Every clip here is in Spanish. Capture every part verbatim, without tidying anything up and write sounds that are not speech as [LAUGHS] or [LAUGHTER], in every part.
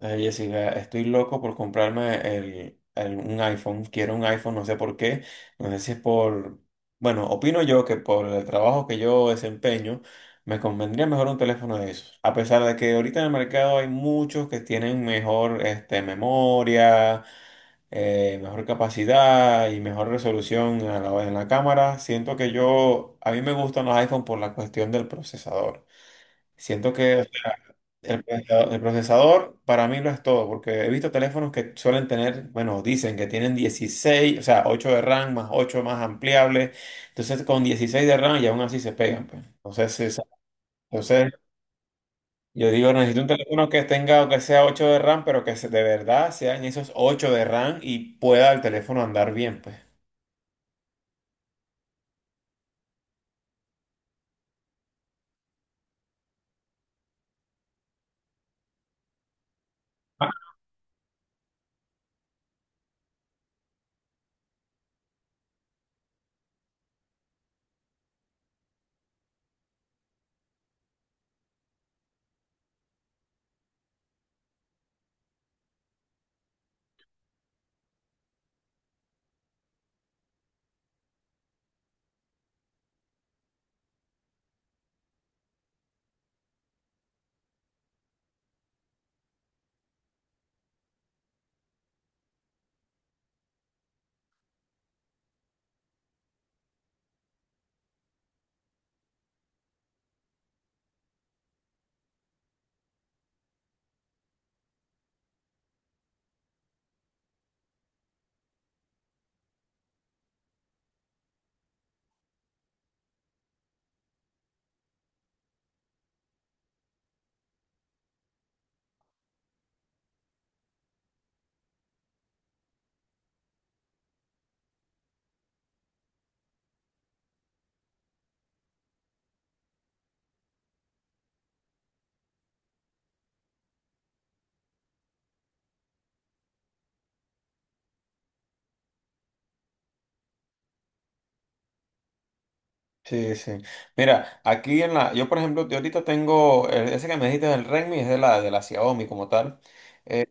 Ay, Jessica, estoy loco por comprarme el, el- un iPhone. Quiero un iPhone, no sé por qué. No sé si es por... Bueno, opino yo que por el trabajo que yo desempeño, me convendría mejor un teléfono de esos. A pesar de que ahorita en el mercado hay muchos que tienen mejor este, memoria, eh, mejor capacidad y mejor resolución a la- en la cámara, siento que yo... A mí me gustan los iPhone por la cuestión del procesador. Siento que el procesador, el procesador para mí lo es todo, porque he visto teléfonos que suelen tener, bueno, dicen que tienen dieciséis o sea, ocho de RAM más ocho más ampliables, entonces con dieciséis de RAM y aún así se pegan, pues. Entonces, es- entonces yo digo, necesito un teléfono que tenga, que sea ocho de RAM, pero que se- de verdad sean esos ocho de RAM y pueda el teléfono andar bien, pues. Sí, sí. Mira, aquí en la, yo por ejemplo, yo ahorita tengo, eh, ese que me dijiste del Redmi es de la, de la Xiaomi como tal. Eh,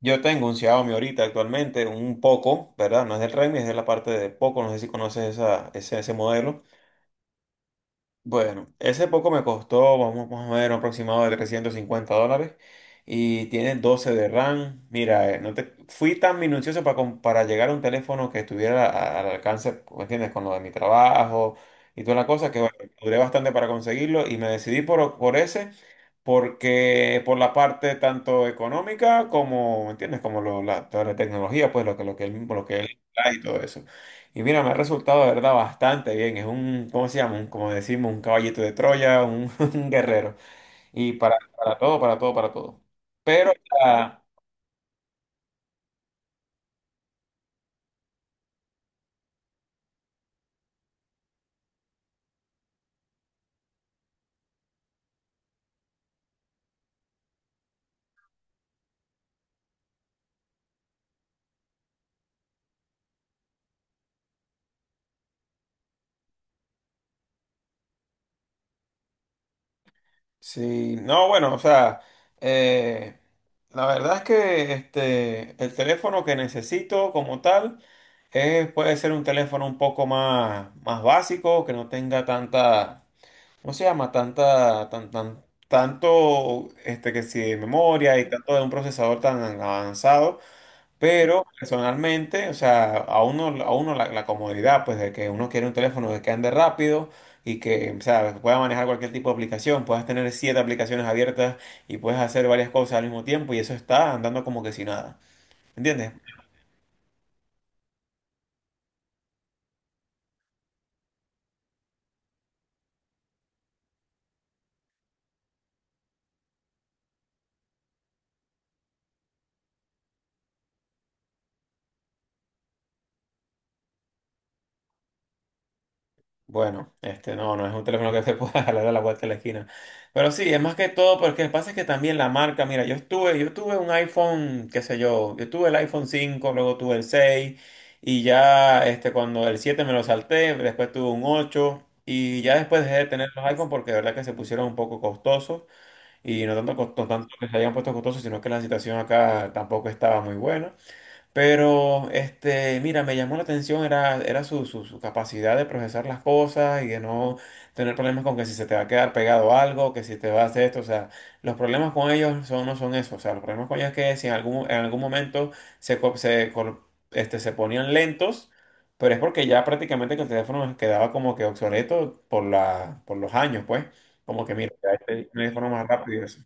Yo tengo un Xiaomi ahorita actualmente, un Poco, ¿verdad? No es del Redmi, es de la parte de Poco, no sé si conoces esa, ese, ese modelo. Bueno, ese poco me costó, vamos, vamos a ver, un aproximado de trescientos cincuenta dólares y tiene doce de RAM. Mira, eh, no te, fui tan minucioso para, com- para llegar a un teléfono que estuviera a- al alcance, ¿me entiendes? Con lo de mi trabajo y toda la cosa, que bueno, duré bastante para conseguirlo y me decidí por, por ese, porque por la parte tanto económica como, ¿me entiendes? Como lo, la, toda la tecnología, pues lo que, lo que él, lo que él trae y todo eso. Y mira, me ha resultado de verdad bastante bien. Es un, ¿cómo se llama? Un, como decimos, un caballito de Troya, un, [LAUGHS] un guerrero. Y para, para todo, para todo, para todo. Pero, o sea, sí, no, bueno, o sea, eh, la verdad es que este, el teléfono que necesito como tal es, puede ser un teléfono un poco más, más básico, que no tenga tanta, ¿cómo se llama? Tanta, tan, tan, tanto, este, que si de memoria y tanto de un procesador tan avanzado. Pero personalmente, o sea, a uno, a uno la, la comodidad, pues de que uno quiere un teléfono de que ande rápido y que, o sea, pueda manejar cualquier tipo de aplicación, puedas tener siete aplicaciones abiertas y puedes hacer varias cosas al mismo tiempo y eso está andando como que sin nada. ¿Entiendes? Bueno, este no, no es un teléfono que se pueda [LAUGHS] jalar a la vuelta de la esquina. Pero sí, es más que todo porque lo que pasa es que también la marca, mira, yo estuve, yo tuve un iPhone, qué sé yo, yo tuve el iPhone cinco, luego tuve el seis y ya este cuando el siete me lo salté, después tuve un ocho y ya después dejé de tener los iPhone porque de verdad que se pusieron un poco costosos y no tanto, cos- no tanto que se hayan puesto costosos, sino que la situación acá tampoco estaba muy buena. Pero, este, mira, me llamó la atención, era, era su, su, su capacidad de procesar las cosas y de no tener problemas con que si se te va a quedar pegado algo, que si te va a hacer esto, o sea, los problemas con ellos son, no son eso, o sea, los problemas con ellos es que si en algún, en algún momento se, co- se, col- este, se ponían lentos, pero es porque ya prácticamente que el teléfono quedaba como que obsoleto por la, por los años, pues, como que mira, ya este un teléfono más rápido y eso.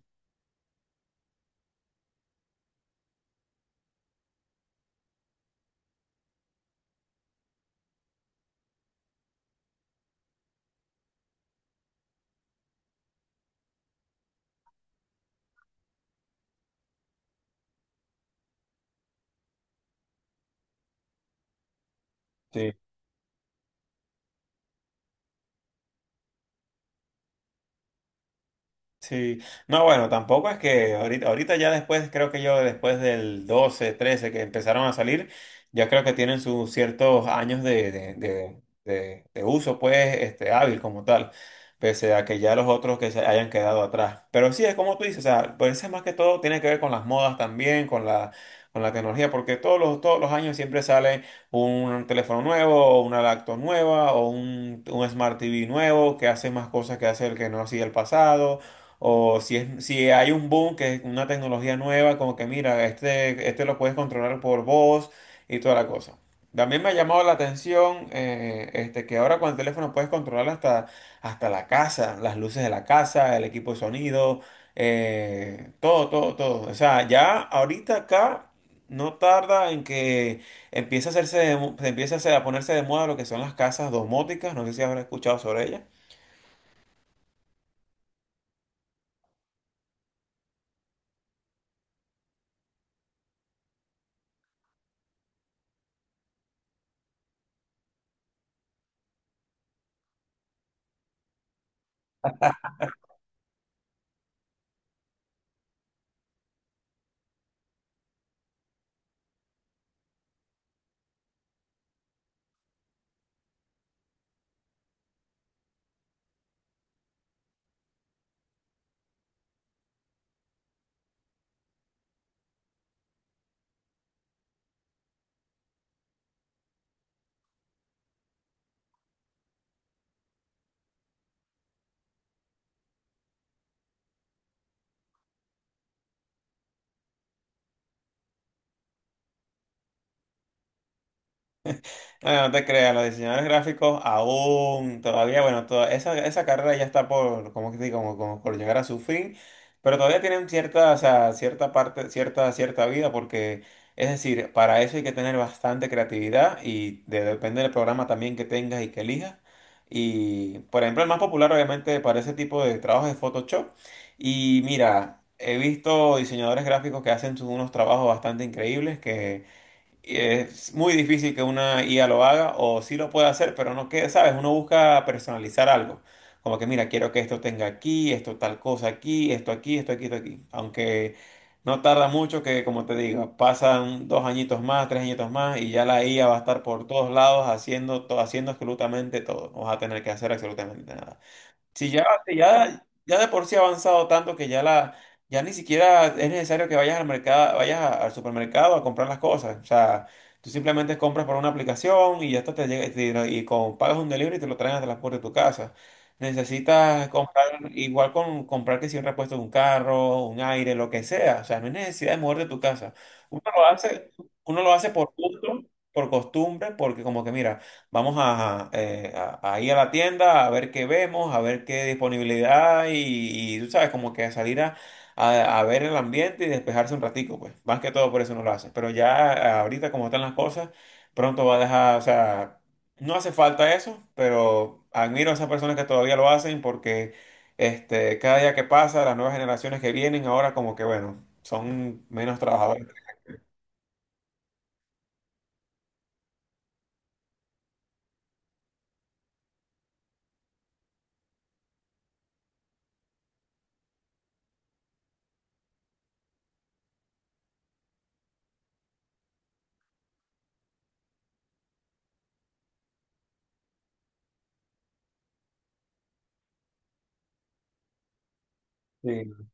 Sí, no, bueno, tampoco es que ahorita, ahorita ya después, creo que yo después del doce trece que empezaron a salir, ya creo que tienen sus ciertos años de, de, de- de- de uso, pues, este, hábil como tal, pese a que ya los otros que se hayan quedado atrás. Pero sí, es como tú dices, o sea, por eso es más que todo tiene que ver con las modas también, con la, con la, tecnología, porque todos los, todos los años siempre sale un teléfono nuevo, o una laptop nueva, o un, un Smart T V nuevo que hace más cosas que hace el que no hacía el pasado o si, es, si hay un boom, que es una tecnología nueva, como que mira, este, este lo puedes controlar por voz y toda la cosa. También me ha llamado la atención eh, este, que ahora con el teléfono puedes controlar hasta, hasta la casa, las luces de la casa, el equipo de sonido, eh, todo, todo, todo. O sea, ya ahorita acá no tarda en que empieza a hacerse, de mo- empieza a hacer- a ponerse de moda lo que son las casas domóticas. No sé si habrás escuchado sobre ellas. Bueno, no te creas, los diseñadores gráficos aún todavía, bueno, toda esa, esa carrera ya está por, como que te digo, como, como por llegar a su fin, pero todavía tienen cierta, o sea, cierta parte, cierta, cierta vida, porque es decir, para eso hay que tener bastante creatividad y de- depende del programa también que tengas y que elijas. Y, por ejemplo, el más popular obviamente para ese tipo de trabajos es Photoshop. Y mira, he visto diseñadores gráficos que hacen unos trabajos bastante increíbles que... Y es muy difícil que una I A lo haga, o sí lo puede hacer, pero no que, ¿sabes? Uno busca personalizar algo. Como que, mira, quiero que esto tenga aquí, esto tal cosa aquí, esto aquí, esto aquí, esto aquí. Aunque no tarda mucho que, como te digo, pasan dos añitos más, tres añitos más, y ya la I A va a estar por todos lados haciendo, to- haciendo absolutamente todo. No vas a tener que hacer absolutamente nada. Si ya, si ya, ya de por sí ha avanzado tanto que ya la, ya ni siquiera es necesario que vayas al mercado, vayas a- al supermercado a comprar las cosas. O sea, tú simplemente compras por una aplicación y ya hasta te llega y, te- lo- y con, pagas un delivery y te lo traen hasta la puerta de tu casa. Necesitas comprar, igual con comprar que si un repuesto de un carro, un aire, lo que sea. O sea, no hay necesidad de mover de tu casa. Uno lo hace, uno lo hace por gusto, por costumbre, porque como que mira. Vamos a, eh, a- a ir a la tienda a ver qué vemos, a ver qué disponibilidad y, y tú sabes, como que a salir a, a- a ver el ambiente y despejarse un ratico, pues. Más que todo por eso no lo hace. Pero ya eh, ahorita como están las cosas, pronto va a dejar, o sea, no hace falta eso, pero admiro a esas personas que todavía lo hacen porque este, cada día que pasa, las nuevas generaciones que vienen ahora como que, bueno, son menos Ah, trabajadores. Sí.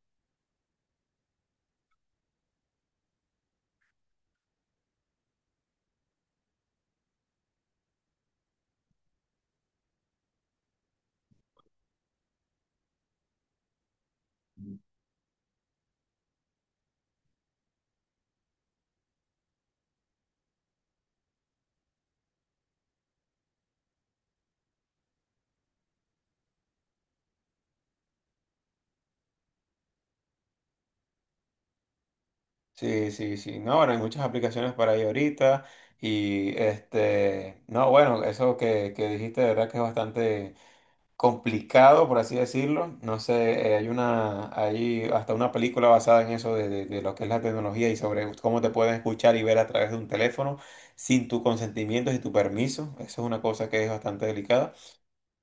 Sí, sí, sí. No, bueno, hay muchas aplicaciones para ahí ahorita. Y este, no, bueno, eso que, que dijiste, de verdad que es bastante complicado, por así decirlo. No sé, eh, hay una, hay hasta una película basada en eso de, de- de lo que es la tecnología y sobre cómo te pueden escuchar y ver a través de un teléfono sin tu consentimiento y tu permiso. Eso es una cosa que es bastante delicada.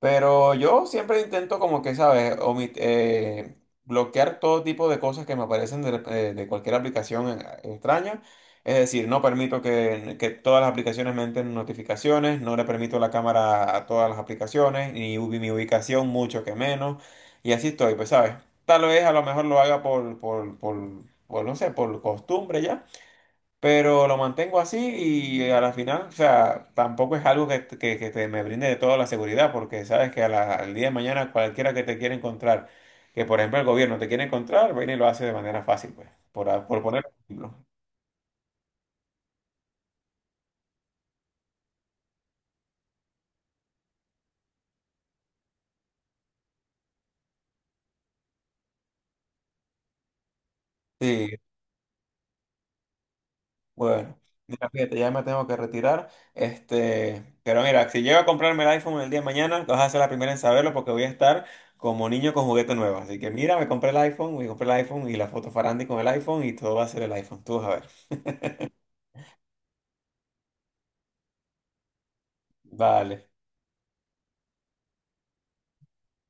Pero yo siempre intento como que, ¿sabes? Omit- eh, bloquear todo tipo de cosas que me aparecen de, eh, de cualquier aplicación eh, extraña. Es decir, no permito que, que todas las aplicaciones me entren notificaciones, no le permito la cámara a todas las aplicaciones, ni ubi- mi ubicación mucho que menos. Y así estoy, pues, ¿sabes? Tal vez a lo mejor lo haga por, por, por, por no sé, por costumbre ya. Pero lo mantengo así y eh, a la final, o sea, tampoco es algo que, que- que te, me brinde de toda la seguridad, porque sabes que a la- al día de mañana cualquiera que te quiera encontrar, que por ejemplo el gobierno te quiere encontrar, viene y lo hace de manera fácil, pues, por, por poner un ejemplo. Sí, bueno, mira, fíjate, ya me tengo que retirar. Este, pero mira, si llego a comprarme el iPhone el día de mañana, vas a ser la primera en saberlo porque voy a estar como niño con juguete nuevo. Así que mira, me compré el iPhone, me compré el iPhone y la foto farandi con el iPhone y todo va a ser el iPhone. Tú vas a ver. Vale.